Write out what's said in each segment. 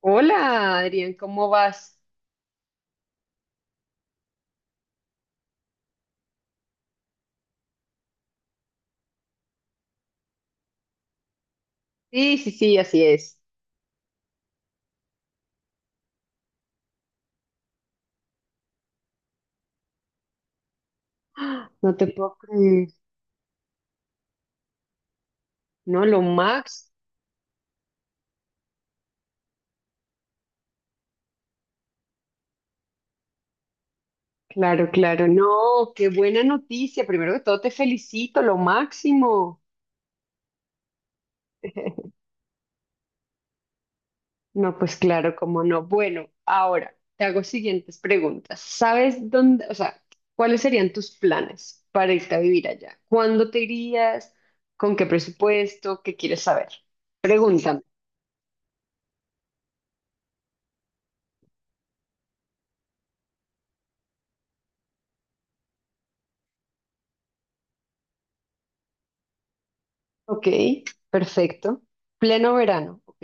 Hola, Adrián, ¿cómo vas? Sí, sí, sí, así es. No te puedo creer. No, lo Max. Claro, claro. No, qué buena noticia. Primero que todo, te felicito, lo máximo. No, pues claro, cómo no. Bueno, ahora te hago siguientes preguntas. ¿Sabes dónde, o sea, cuáles serían tus planes para irte a vivir allá? ¿Cuándo te irías? ¿Con qué presupuesto? ¿Qué quieres saber? Pregúntame. Ok, perfecto. Pleno verano. Ok.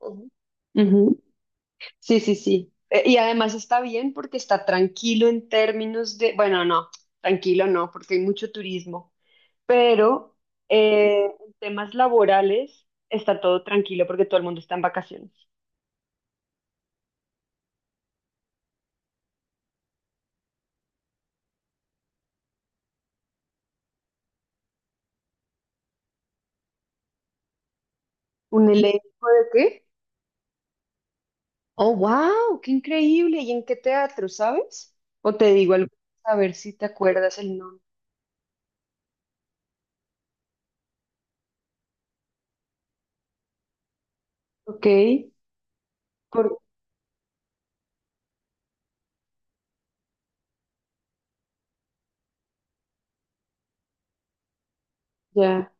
Ujú. Ujú. Sí, sí, sí. Y además está bien porque está tranquilo en términos de, bueno, no, tranquilo no, porque hay mucho turismo, pero en temas laborales está todo tranquilo porque todo el mundo está en vacaciones. ¿Un elenco de qué? Oh, wow, qué increíble. ¿Y en qué teatro, sabes? O te digo algo, a ver si te acuerdas el nombre. Ok, por, ya,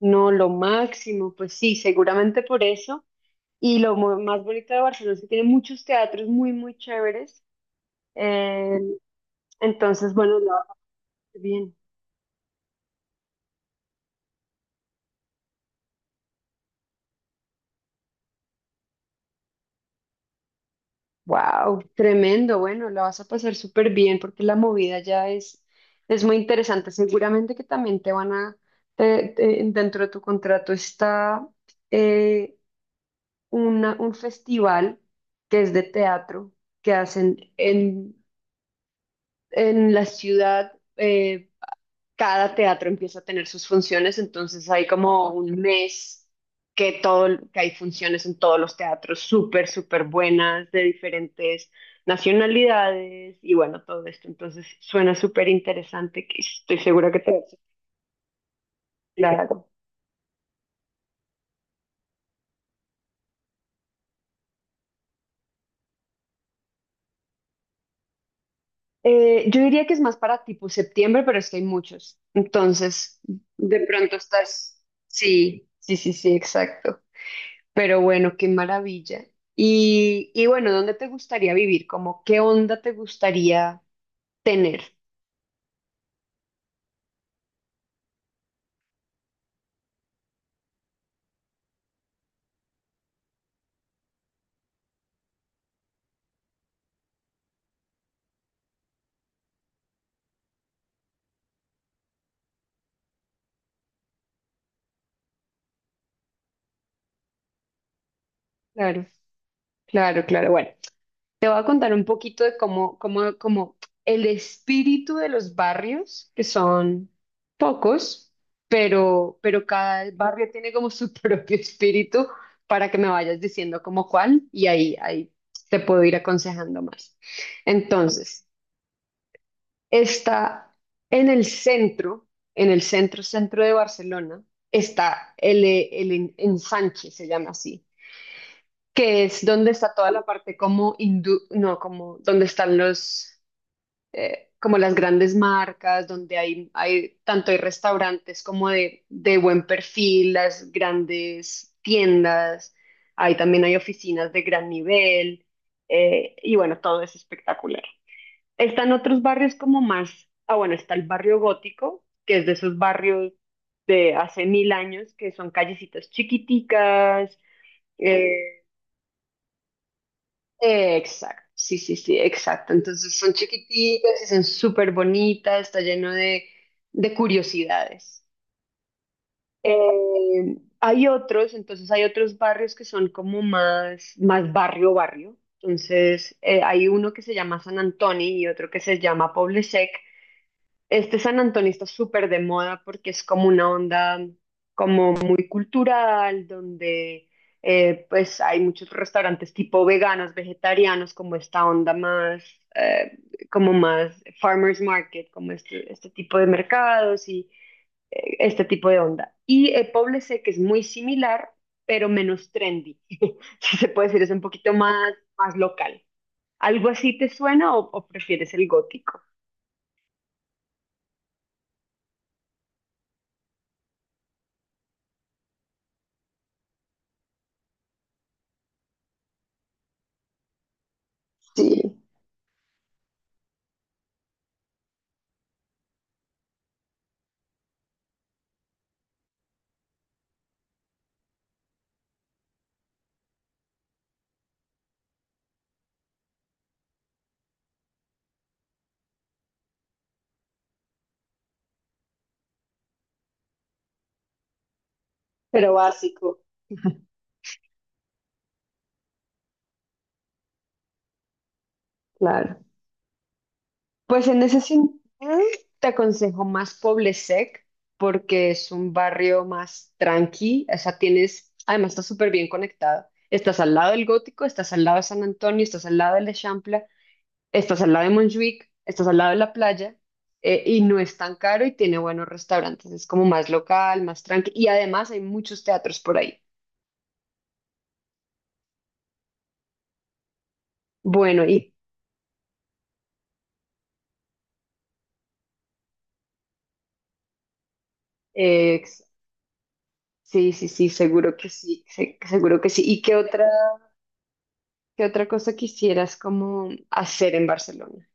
no, lo máximo, pues sí, seguramente por eso. Y lo más bonito de Barcelona es que tiene muchos teatros muy, muy chéveres. Eh, entonces, bueno, la vas a pasar bien. Wow, tremendo. Bueno, la vas a pasar súper bien porque la movida ya es muy interesante. Seguramente que también te van a, dentro de tu contrato está eh, un festival que es de teatro que hacen en la ciudad. Eh, cada teatro empieza a tener sus funciones, entonces hay como un mes que todo, que hay funciones en todos los teatros súper, súper buenas de diferentes nacionalidades y bueno, todo esto. Entonces suena súper interesante, que estoy segura que te va a hacer claro. Yo diría que es más para tipo septiembre, pero es que hay muchos. Entonces, de pronto estás. Sí, sí, sí, sí, exacto. Pero bueno, qué maravilla. Y bueno, ¿dónde te gustaría vivir? Como, ¿qué onda te gustaría tener? Claro, claro, claro. Bueno, te voy a contar un poquito de cómo, cómo, cómo el espíritu de los barrios, que son pocos, pero cada barrio tiene como su propio espíritu para que me vayas diciendo como cuál y ahí, ahí te puedo ir aconsejando más. Entonces. Está en el centro, en el centro, centro de Barcelona, está el ensanche, se llama así, que es donde está toda la parte como hindú, no, como donde están los, como las grandes marcas, donde hay tanto hay restaurantes como de buen perfil, las grandes tiendas, ahí también hay oficinas de gran nivel, y bueno, todo es espectacular. Están otros barrios como más, ah bueno, está el barrio gótico, que es de esos barrios de hace mil años, que son callecitas chiquiticas. eh, exacto, sí, sí, sí, exacto. Entonces son chiquiticas y son súper bonitas, está lleno de curiosidades. Hay otros, entonces hay otros barrios que son como más, más barrio, barrio. Entonces hay uno que se llama San Antonio y otro que se llama Poble. Este San Antonio está súper de moda porque es como una onda como muy cultural, donde pues hay muchos restaurantes tipo veganos, vegetarianos, como esta onda más, eh, como más farmers market, como este tipo de mercados y este tipo de onda. Y Poblete, que es muy similar, pero menos trendy, si se puede decir, es un poquito más, más local. ¿Algo así te suena o prefieres el gótico? Sí, pero básico. Claro. Pues en ese sentido, te aconsejo más Poblesec porque es un barrio más tranqui, o sea, tienes, además está súper bien conectado. Estás al lado del Gótico, estás al lado de San Antonio, estás al lado del Eixample, estás al lado de Montjuic, estás al lado de la playa y no es tan caro y tiene buenos restaurantes, es como más local, más tranqui y además hay muchos teatros por ahí. Bueno, y eh, sí, sí, sí, seguro que sí, seguro que sí. ¿Y qué otra? ¿Qué otra cosa quisieras como hacer en Barcelona?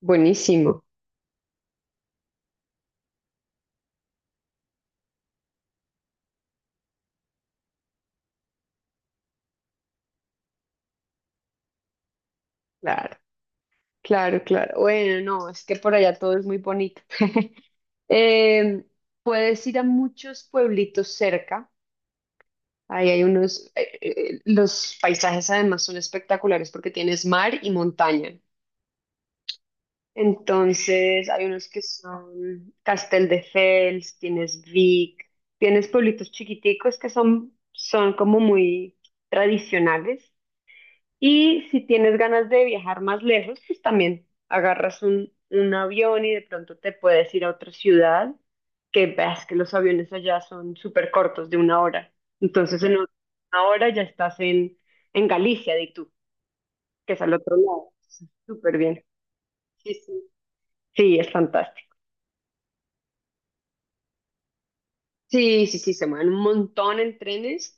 Buenísimo, claro, claro, claro. Bueno, no, es que por allá todo es muy bonito. Em, puedes ir a muchos pueblitos cerca. Ahí hay unos, los paisajes además son espectaculares porque tienes mar y montaña. Entonces hay unos que son Castelldefels, tienes Vic, tienes pueblitos chiquiticos que son, son como muy tradicionales. Y si tienes ganas de viajar más lejos, pues también agarras un avión y de pronto te puedes ir a otra ciudad, que ves que los aviones allá son súper cortos, de una hora. Entonces en una hora ya estás en Galicia, de tú, que es al otro lado. Súper bien. Sí, sí. Sí, es fantástico. Sí, sí, sí, se mueven un montón en trenes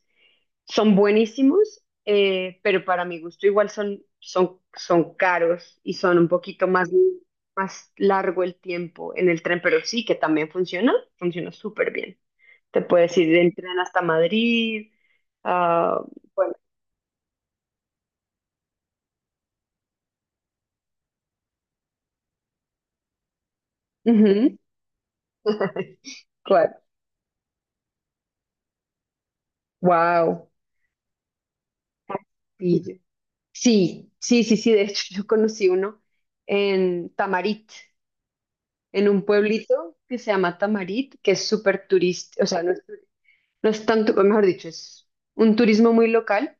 son buenísimos, pero para mi gusto igual son, son, son caros y son un poquito más, más largo el tiempo en el tren, pero sí que también funciona, funciona súper bien. Te puedes ir del tren hasta Madrid. ah, bueno. Ujú. ¿Cuál? Wow. Castillo. Sí, sí, sí, sí. De hecho, yo conocí uno en Tamarit, en un pueblito que se llama Tamarit, que es súper turístico, o sea, no es turístico. No es tanto, o mejor dicho, es un turismo muy local,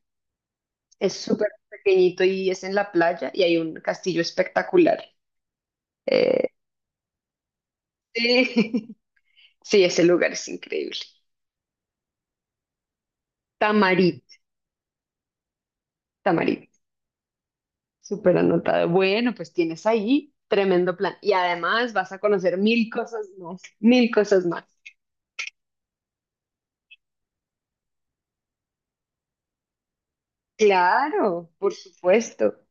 es súper pequeñito y es en la playa y hay un castillo espectacular. Eh, sí, sí, ese lugar es increíble. Tamarit, Tamarit, súper anotado. Bueno, pues tienes ahí tremendo plan. Y además vas a conocer mil cosas más, mil cosas más. Claro, por supuesto,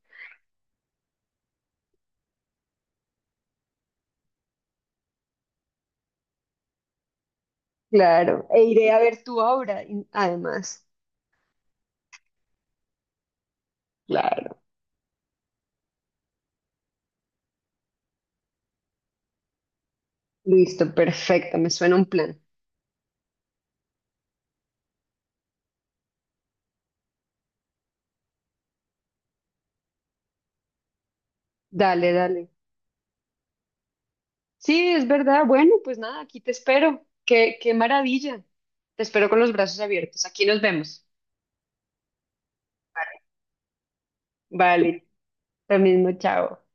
claro. E iré a ver tu obra, además. Claro, listo, perfecto, me suena un plan. Dale, dale. Sí, es verdad. Bueno, pues nada, aquí te espero. Qué, qué maravilla. Te espero con los brazos abiertos. Aquí nos vemos. Vale, lo mismo, chao.